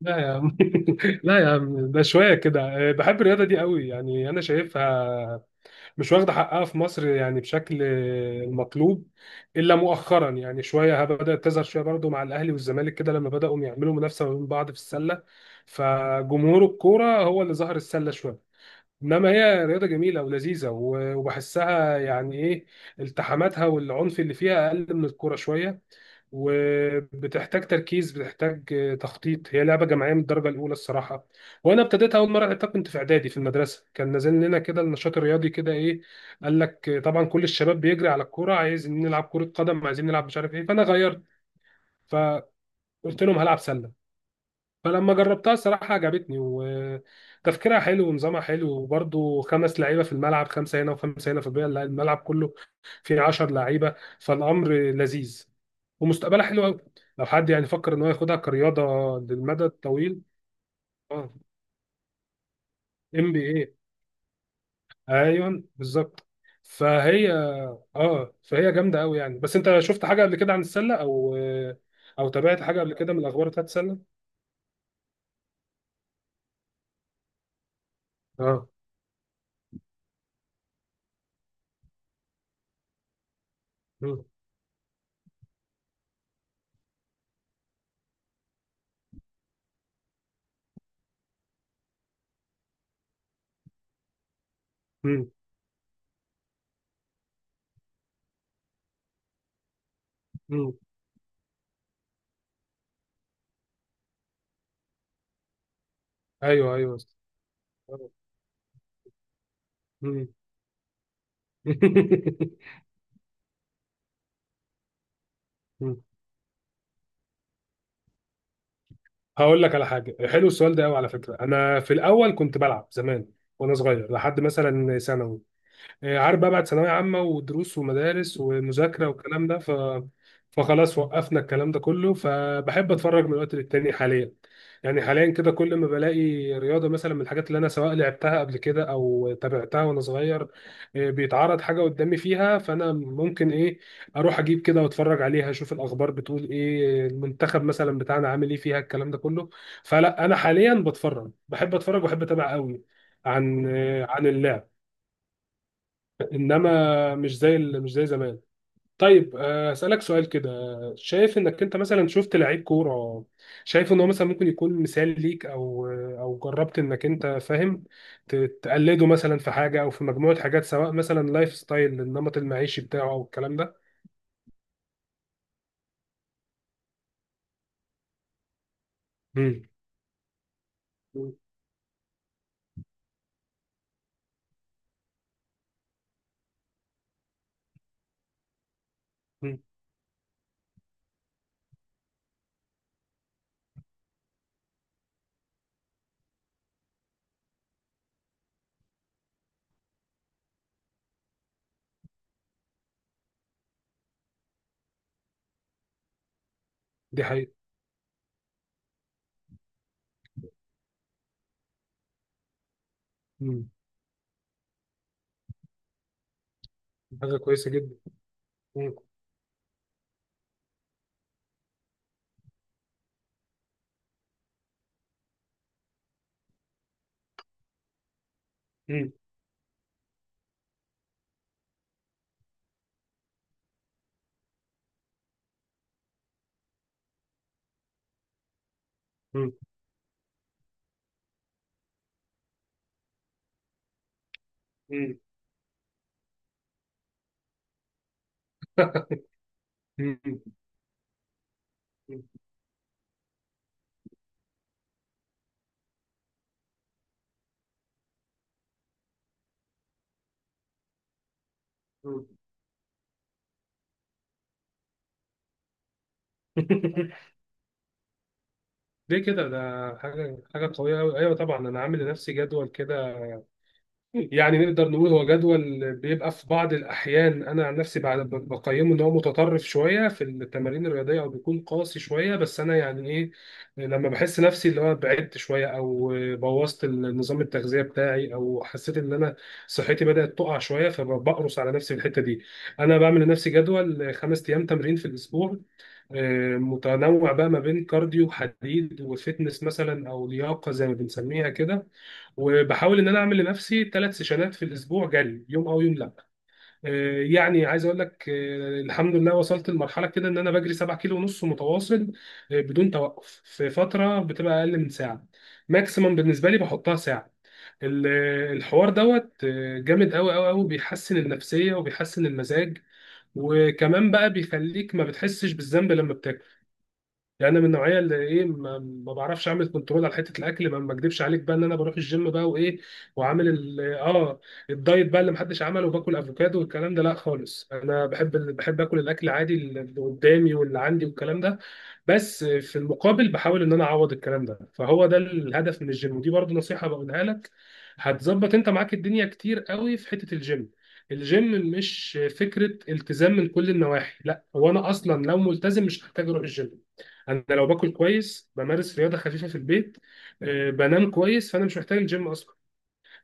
لا يا عم. لا يا عم ده شويه كده. بحب الرياضه دي قوي، يعني انا شايفها مش واخده حقها في مصر يعني بشكل المطلوب، الا مؤخرا يعني شويه بدات تظهر شويه برضو مع الاهلي والزمالك كده لما بداوا يعملوا منافسه ما بين بعض في السله. فجمهور الكوره هو اللي ظهر السله شويه، انما هي رياضه جميله ولذيذه و- وبحسها يعني ايه، التحاماتها والعنف اللي فيها اقل من الكوره شويه، وبتحتاج تركيز، بتحتاج تخطيط. هي لعبه جماعيه من الدرجه الاولى الصراحه. وانا ابتديتها اول مره لعبتها كنت في اعدادي في المدرسه، كان نازل لنا كده النشاط الرياضي كده ايه، قال لك طبعا كل الشباب بيجري على الكوره، عايزين نلعب كره قدم، عايزين نلعب مش عارف ايه، فانا غيرت، فقلت لهم هلعب سله. فلما جربتها الصراحة عجبتني، وتفكيرها حلو، ونظامها حلو، وبرضه خمس لعيبة في الملعب، خمسة هنا وخمسة هنا، في البيئة الملعب كله فيه 10 لعيبة، فالأمر لذيذ ومستقبلها حلو أوي لو حد يعني فكر إن هو ياخدها كرياضة للمدى الطويل. اه. ام بي اي. أيوه بالظبط. فهي اه فهي جامدة أوي يعني. بس أنت شفت حاجة قبل كده عن السلة أو أو تابعت حاجة قبل كده من الأخبار بتاعت السلة؟ اه. مم. مم. مم. أيوه أيوه. آه، مم. هقول لك على حاجه، حلو السؤال ده قوي على فكره. انا في الاول كنت بلعب زمان وانا صغير لحد مثلا ثانوي، عارف بقى بعد ثانوية عامة ودروس ومدارس ومذاكرة والكلام ده فخلاص وقفنا الكلام ده كله. فبحب اتفرج من وقت للتاني حاليا، يعني حاليا كده كل ما بلاقي رياضة مثلا من الحاجات اللي انا سواء لعبتها قبل كده او تابعتها وانا صغير، بيتعرض حاجة قدامي فيها فانا ممكن ايه اروح اجيب كده واتفرج عليها، اشوف الاخبار بتقول ايه، المنتخب مثلا بتاعنا عامل ايه فيها، الكلام ده كله. فلا انا حاليا بتفرج، بحب اتفرج وبحب اتابع قوي عن عن اللعب، انما مش زي مش زي زمان. طيب اسالك سؤال كده، شايف انك انت مثلا شفت لعيب كوره، شايف ان هو مثلا ممكن يكون مثال ليك او او جربت انك انت فاهم ت- تقلده مثلا في حاجه او في مجموعه حاجات، سواء مثلا لايف ستايل النمط المعيشي بتاعه او الكلام ده. مم. مم. مم. دي حقيقه. مم. حاجه كويسه جدا. مم. مم. مم. مم. مم. مم. مم. ليه كده ده؟ حاجه قويه قوي، ايوه طبعا انا عامل لنفسي جدول كده، يعني نقدر نقول هو جدول بيبقى في بعض الأحيان. أنا عن نفسي بعد بقيمه إن هو متطرف شوية في التمارين الرياضية أو بيكون قاسي شوية، بس أنا يعني إيه، لما بحس نفسي اللي هو بعدت شوية أو بوظت النظام التغذية بتاعي أو حسيت إن أنا صحتي بدأت تقع شوية، فبقرص على نفسي في الحتة دي. أنا بعمل لنفسي جدول 5 أيام تمرين في الأسبوع، متنوع بقى ما بين كارديو حديد وفتنس مثلا أو لياقة زي ما بنسميها كده. وبحاول ان انا اعمل لنفسي 3 سيشنات في الاسبوع، جري يوم او يوم لا. يعني عايز اقول لك الحمد لله وصلت لمرحله كده ان انا بجري 7 كيلو ونص متواصل، بدون توقف في فتره بتبقى اقل من ساعه. ماكسيمم بالنسبه لي بحطها ساعه. ال- الحوار دوت جامد قوي قوي قوي، بيحسن النفسيه وبيحسن المزاج، وكمان بقى بيخليك ما بتحسش بالذنب لما، يعني انا من النوعيه اللي ايه ما بعرفش اعمل كنترول على حته الاكل، ما اكدبش عليك بقى ان انا بروح الجيم بقى وايه، وعامل الدايت بقى اللي محدش عمله، وباكل افوكادو والكلام ده لا خالص، انا بحب بحب اكل الاكل عادي اللي قدامي واللي عندي والكلام ده، بس في المقابل بحاول ان انا اعوض الكلام ده، فهو ده الهدف من الجيم. ودي برضو نصيحه بقولها لك، هتظبط انت معاك الدنيا كتير قوي في حته الجيم. الجيم مش فكره التزام من كل النواحي، لا، هو انا اصلا لو ملتزم مش هحتاج اروح الجيم، انا لو باكل كويس، بمارس رياضه خفيفه في البيت، بنام كويس، فانا مش محتاج الجيم اصلا.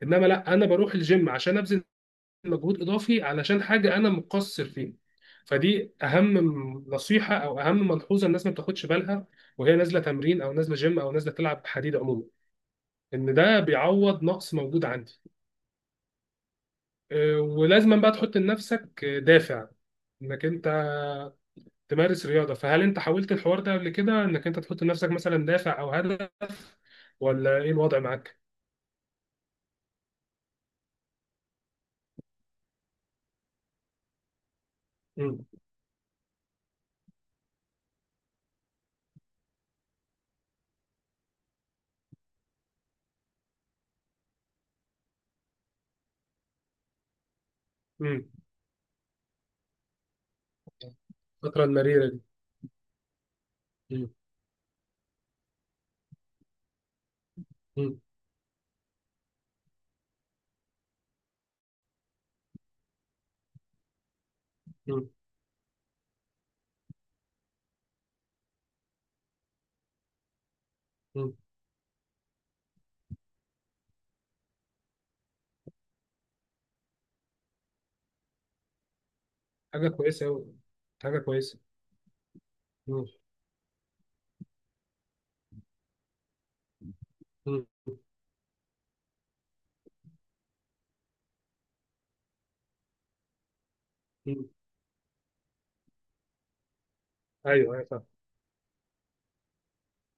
انما لا، انا بروح الجيم عشان ابذل مجهود اضافي علشان حاجه انا مقصر فيها. فدي اهم نصيحه او اهم ملحوظه الناس ما بتاخدش بالها وهي نازله تمرين او نازله جيم او نازله تلعب حديد عموما، ان ده بيعوض نقص موجود عندي. ولازما بقى تحط لنفسك دافع انك انت تمارس رياضه. فهل انت حاولت الحوار ده قبل كده انك انت تحط لنفسك مثلا دافع او هدف، ولا ايه الوضع معاك؟ مم. الفترة المريرة دي. مم. مم. مم. مم. حاجة كويسة أوي. حاجة كويسة. مم. مم. مم. أيوه أيوه فاهم.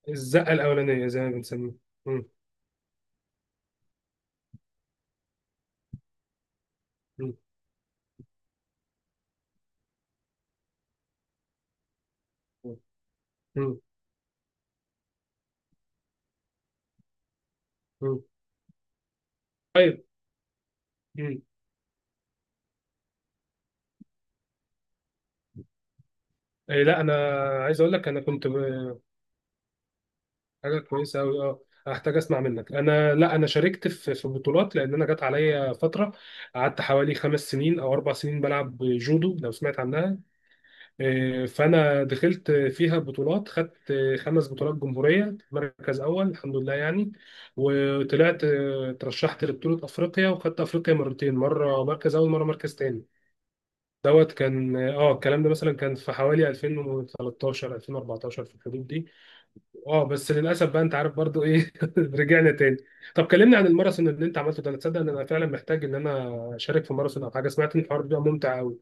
الزقة الأولانية زي ما بنسميها. مم. مم. مم. مم. طيب. مم. إيه، لا أنا عايز أقول لك، أنا كنت حاجة كويسة أوي أه، هحتاج أسمع منك. أنا لا، أنا شاركت في بطولات، لأن أنا جت عليا فترة قعدت حوالي 5 سنين أو 4 سنين بلعب جودو لو سمعت عنها. إيه، فانا دخلت فيها بطولات، خدت خمس بطولات جمهوريه مركز اول، الحمد لله يعني. وطلعت ترشحت لبطوله افريقيا وخدت افريقيا مرتين، مره مركز اول مره مركز تاني. دوت كان اه الكلام ده مثلا كان في حوالي 2013 2014 في الحدود دي. اه بس للاسف بقى انت عارف برضو ايه، رجعنا تاني. طب كلمني عن الماراثون اللي انت عملته ده، انا تصدق ان انا فعلا محتاج ان انا اشارك في ماراثون او حاجه، سمعت ان الحوار ده ممتع قوي.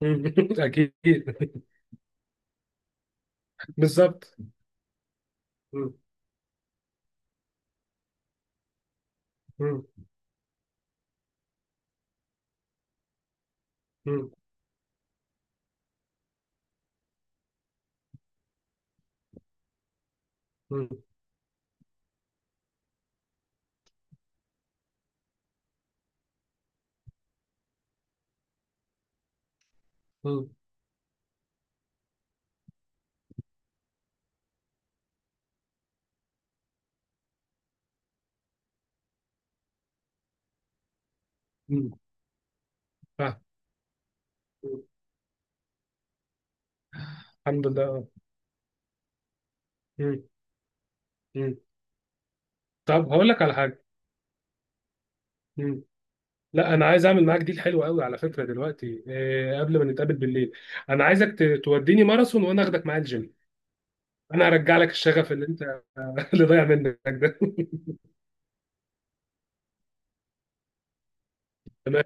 اكيد. بالظبط. مم. مم. مم. مم. مم. فاهم. مم. الحمد لله آه. مم. مم. طب هقول لك على حاجه. مم. لا انا عايز اعمل معاك ديل حلو قوي على فكره دلوقتي، إيه قبل ما نتقابل بالليل، انا عايزك توديني ماراثون وانا اخدك معايا الجيم، انا هرجع لك الشغف اللي انت اللي ضايع منك ده. تمام.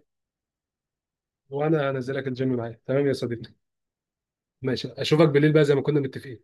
وانا هنزلك الجيم معايا، تمام يا صديقي. ماشي اشوفك بالليل بقى زي ما كنا متفقين.